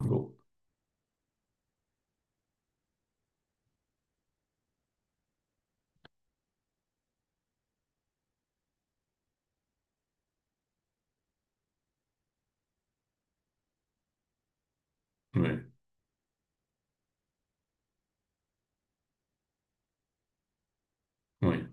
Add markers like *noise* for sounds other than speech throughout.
Bon. Oui, oui.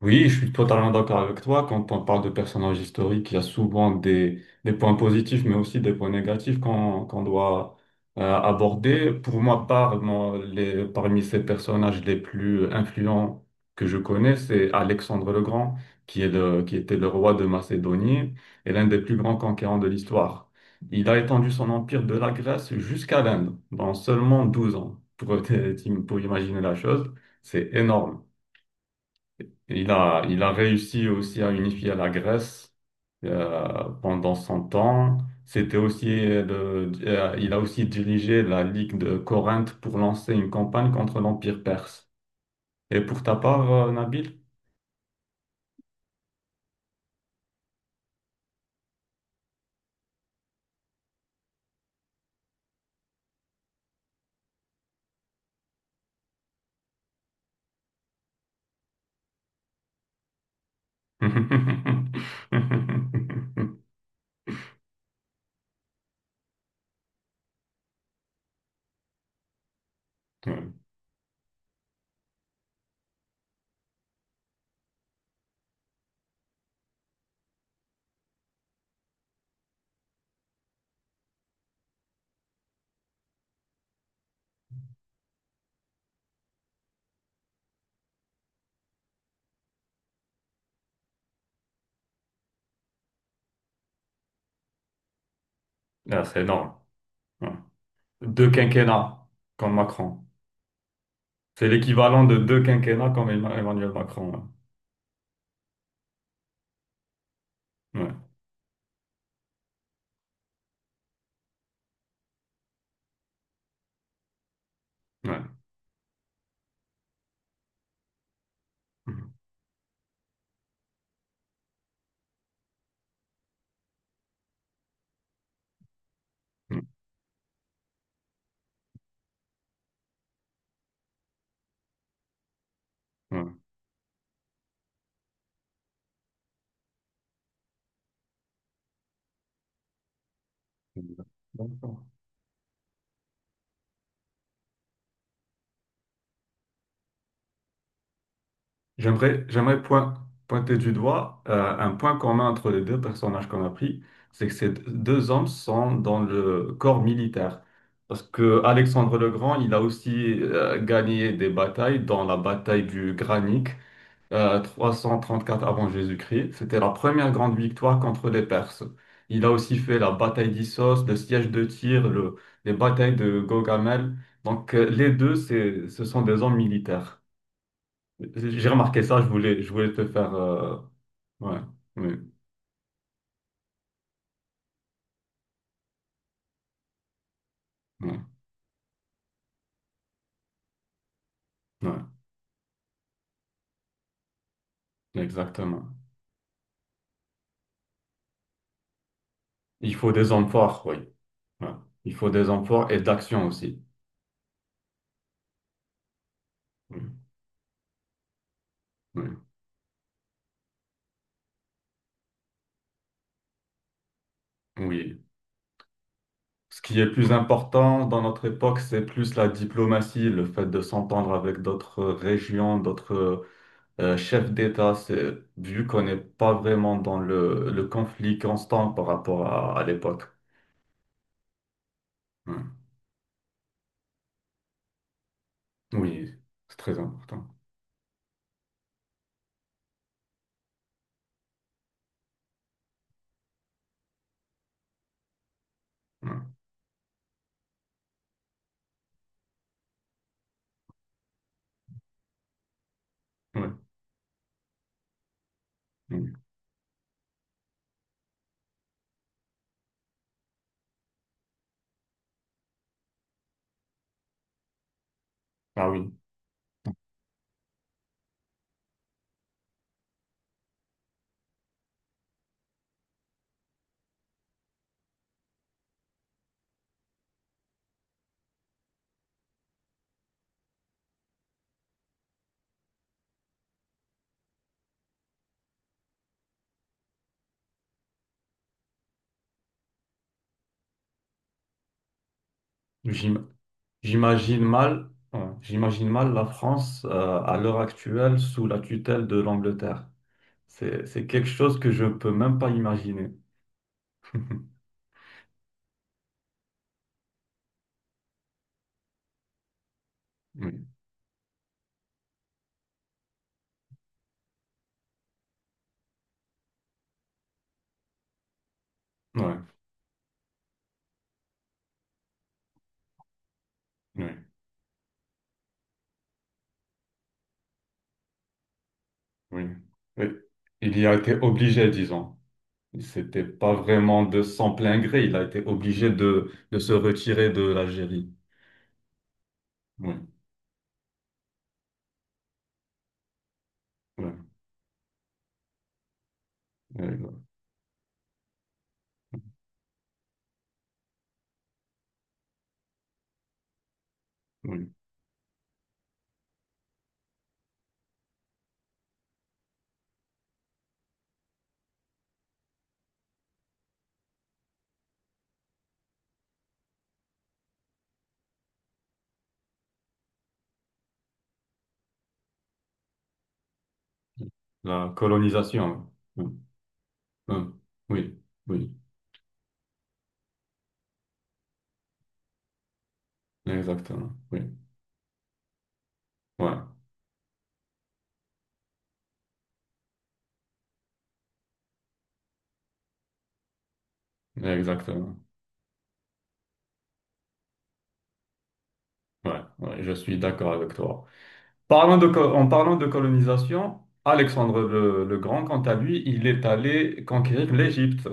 Oui, je suis totalement d'accord avec toi. Quand on parle de personnages historiques, il y a souvent des points positifs, mais aussi des points négatifs qu'on doit aborder. Pour ma part, moi, parmi ces personnages les plus influents que je connais, c'est Alexandre le Grand, qui était le roi de Macédonie et l'un des plus grands conquérants de l'histoire. Il a étendu son empire de la Grèce jusqu'à l'Inde dans seulement 12 ans, *laughs* pour imaginer la chose. C'est énorme. Il a réussi aussi à unifier la Grèce pendant son temps. C'était aussi il a aussi dirigé la Ligue de Corinthe pour lancer une campagne contre l'Empire perse. Et pour ta part, Nabil? *laughs* Ouais. Ah, c'est énorme. Ouais. Deux quinquennats comme Macron. C'est l'équivalent de deux quinquennats comme Emmanuel Macron. Ouais. Ouais. Ouais. Mm-hmm. Ouais. Ouais. J'aimerais, j'aimerais point- pointer du doigt un point commun entre les deux personnages qu'on a pris, c'est que ces deux hommes sont dans le corps militaire. Parce que Alexandre le Grand, il a aussi gagné des batailles, dans la bataille du Granik, euh, 4 avant Jésus-Christ. C'était la première grande victoire contre les Perses. Il a aussi fait la bataille d'Issos, le siège de Tyr, les batailles de Gogamel. Donc les deux, c'est, ce sont des hommes militaires. J'ai remarqué ça, je voulais te faire. Ouais, oui, ouais, ouais, exactement. Il faut des hommes forts, oui. Ouais. Il faut des hommes forts et d'action aussi. Oui, oui, oui. Ce qui est plus important dans notre époque, c'est plus la diplomatie, le fait de s'entendre avec d'autres régions, d'autres chefs d'État. C'est, vu qu'on n'est pas vraiment dans le conflit constant par rapport à l'époque. Ouais. Oui, c'est très important. Ouais, ouais, oui. Ah oui. J'im- J'imagine mal, hein, j'imagine mal la France à l'heure actuelle sous la tutelle de l'Angleterre. C'est quelque chose que je peux même pas imaginer. *laughs* Oui, ouais, oui, oui, oui. Il y a été obligé, disons. C'était pas vraiment de son plein gré. Il a été obligé de se retirer de l'Algérie. Oui, oui, oui, oui. La colonisation. Oui, oui, oui, oui, exactement. Oui, ouais, exactement. Ouais, ouais, je suis d'accord avec toi. Parlant de, co- en parlant de colonisation, Alexandre le Grand, quant à lui, il est allé conquérir l'Égypte.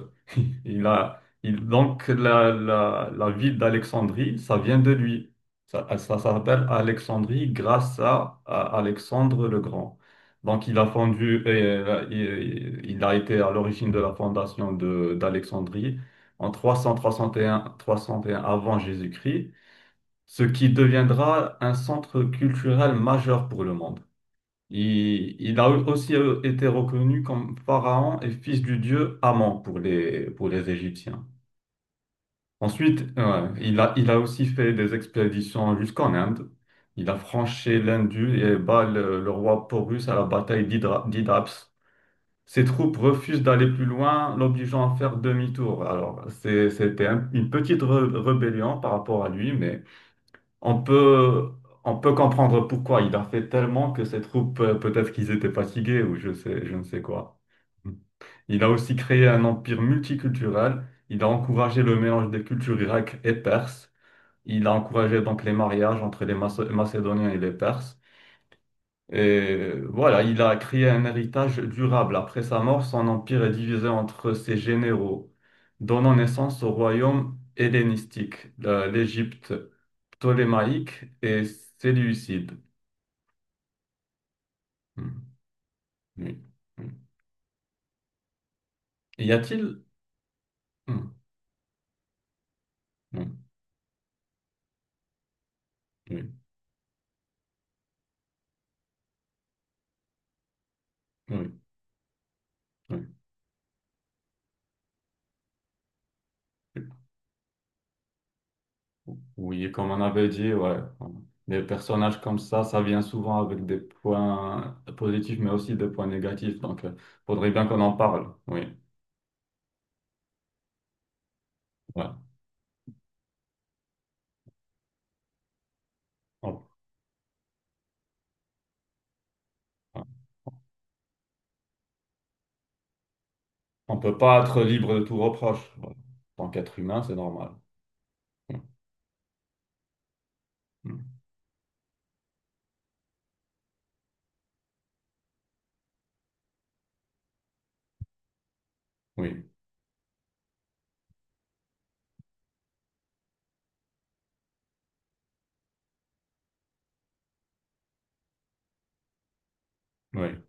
Donc la ville d'Alexandrie, ça vient de lui. Ça s'appelle Alexandrie grâce à Alexandre le Grand. Donc il a fondu, il a été à l'origine de la fondation de, d'Alexandrie en trois cent soixante et un 301 avant Jésus-Christ, ce qui deviendra un centre culturel majeur pour le monde. Il a aussi été reconnu comme pharaon et fils du dieu Amon pour les Égyptiens. Ensuite, il a aussi fait des expéditions jusqu'en Inde. Il a franchi l'Indus et bat le roi Porus à la bataille d'Hydaps. Ses troupes refusent d'aller plus loin, l'obligeant à faire demi-tour. Alors, c'était une petite rébellion par rapport à lui, mais on peut, on peut comprendre pourquoi. Il a fait tellement que ses troupes, peut-être qu'ils étaient fatigués ou je ne sais quoi. Il a aussi créé un empire multiculturel. Il a encouragé le mélange des cultures grecques et perses. Il a encouragé donc les mariages entre les Macédoniens et les Perses. Et voilà, il a créé un héritage durable. Après sa mort, son empire est divisé entre ses généraux, donnant naissance au royaume hellénistique, l'Égypte. Tolémaïque et Séleucide. Hmm. Oui. Hmm. Y a-t-il? Hmm. Hmm. Oui. Oui. Oui. Oui, oui, comme on avait dit, ouais. Voilà. Des personnages comme ça vient souvent avec des points positifs, mais aussi des points négatifs. Donc, il faudrait bien qu'on en parle. Oui. Ouais. On ne peut pas être libre de tout reproche. Ouais. En tant qu'être humain, c'est normal. Hmm. Hmm. Oui. Oui.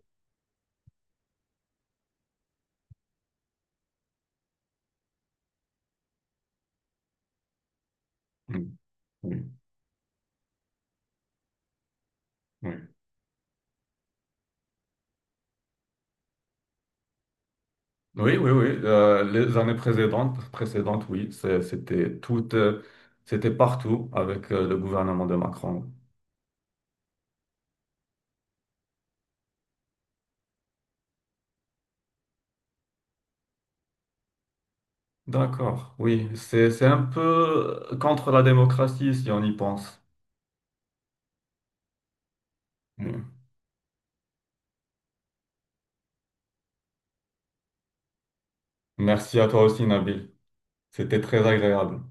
Hmm. Oui. Oui. Oui, oui, oui. Euh, les années précédentes, oui, c'était partout avec le gouvernement de Macron. D'accord, oui, c'est un peu contre la démocratie si on y pense. Mm. Merci à toi aussi, Nabil. C'était très agréable.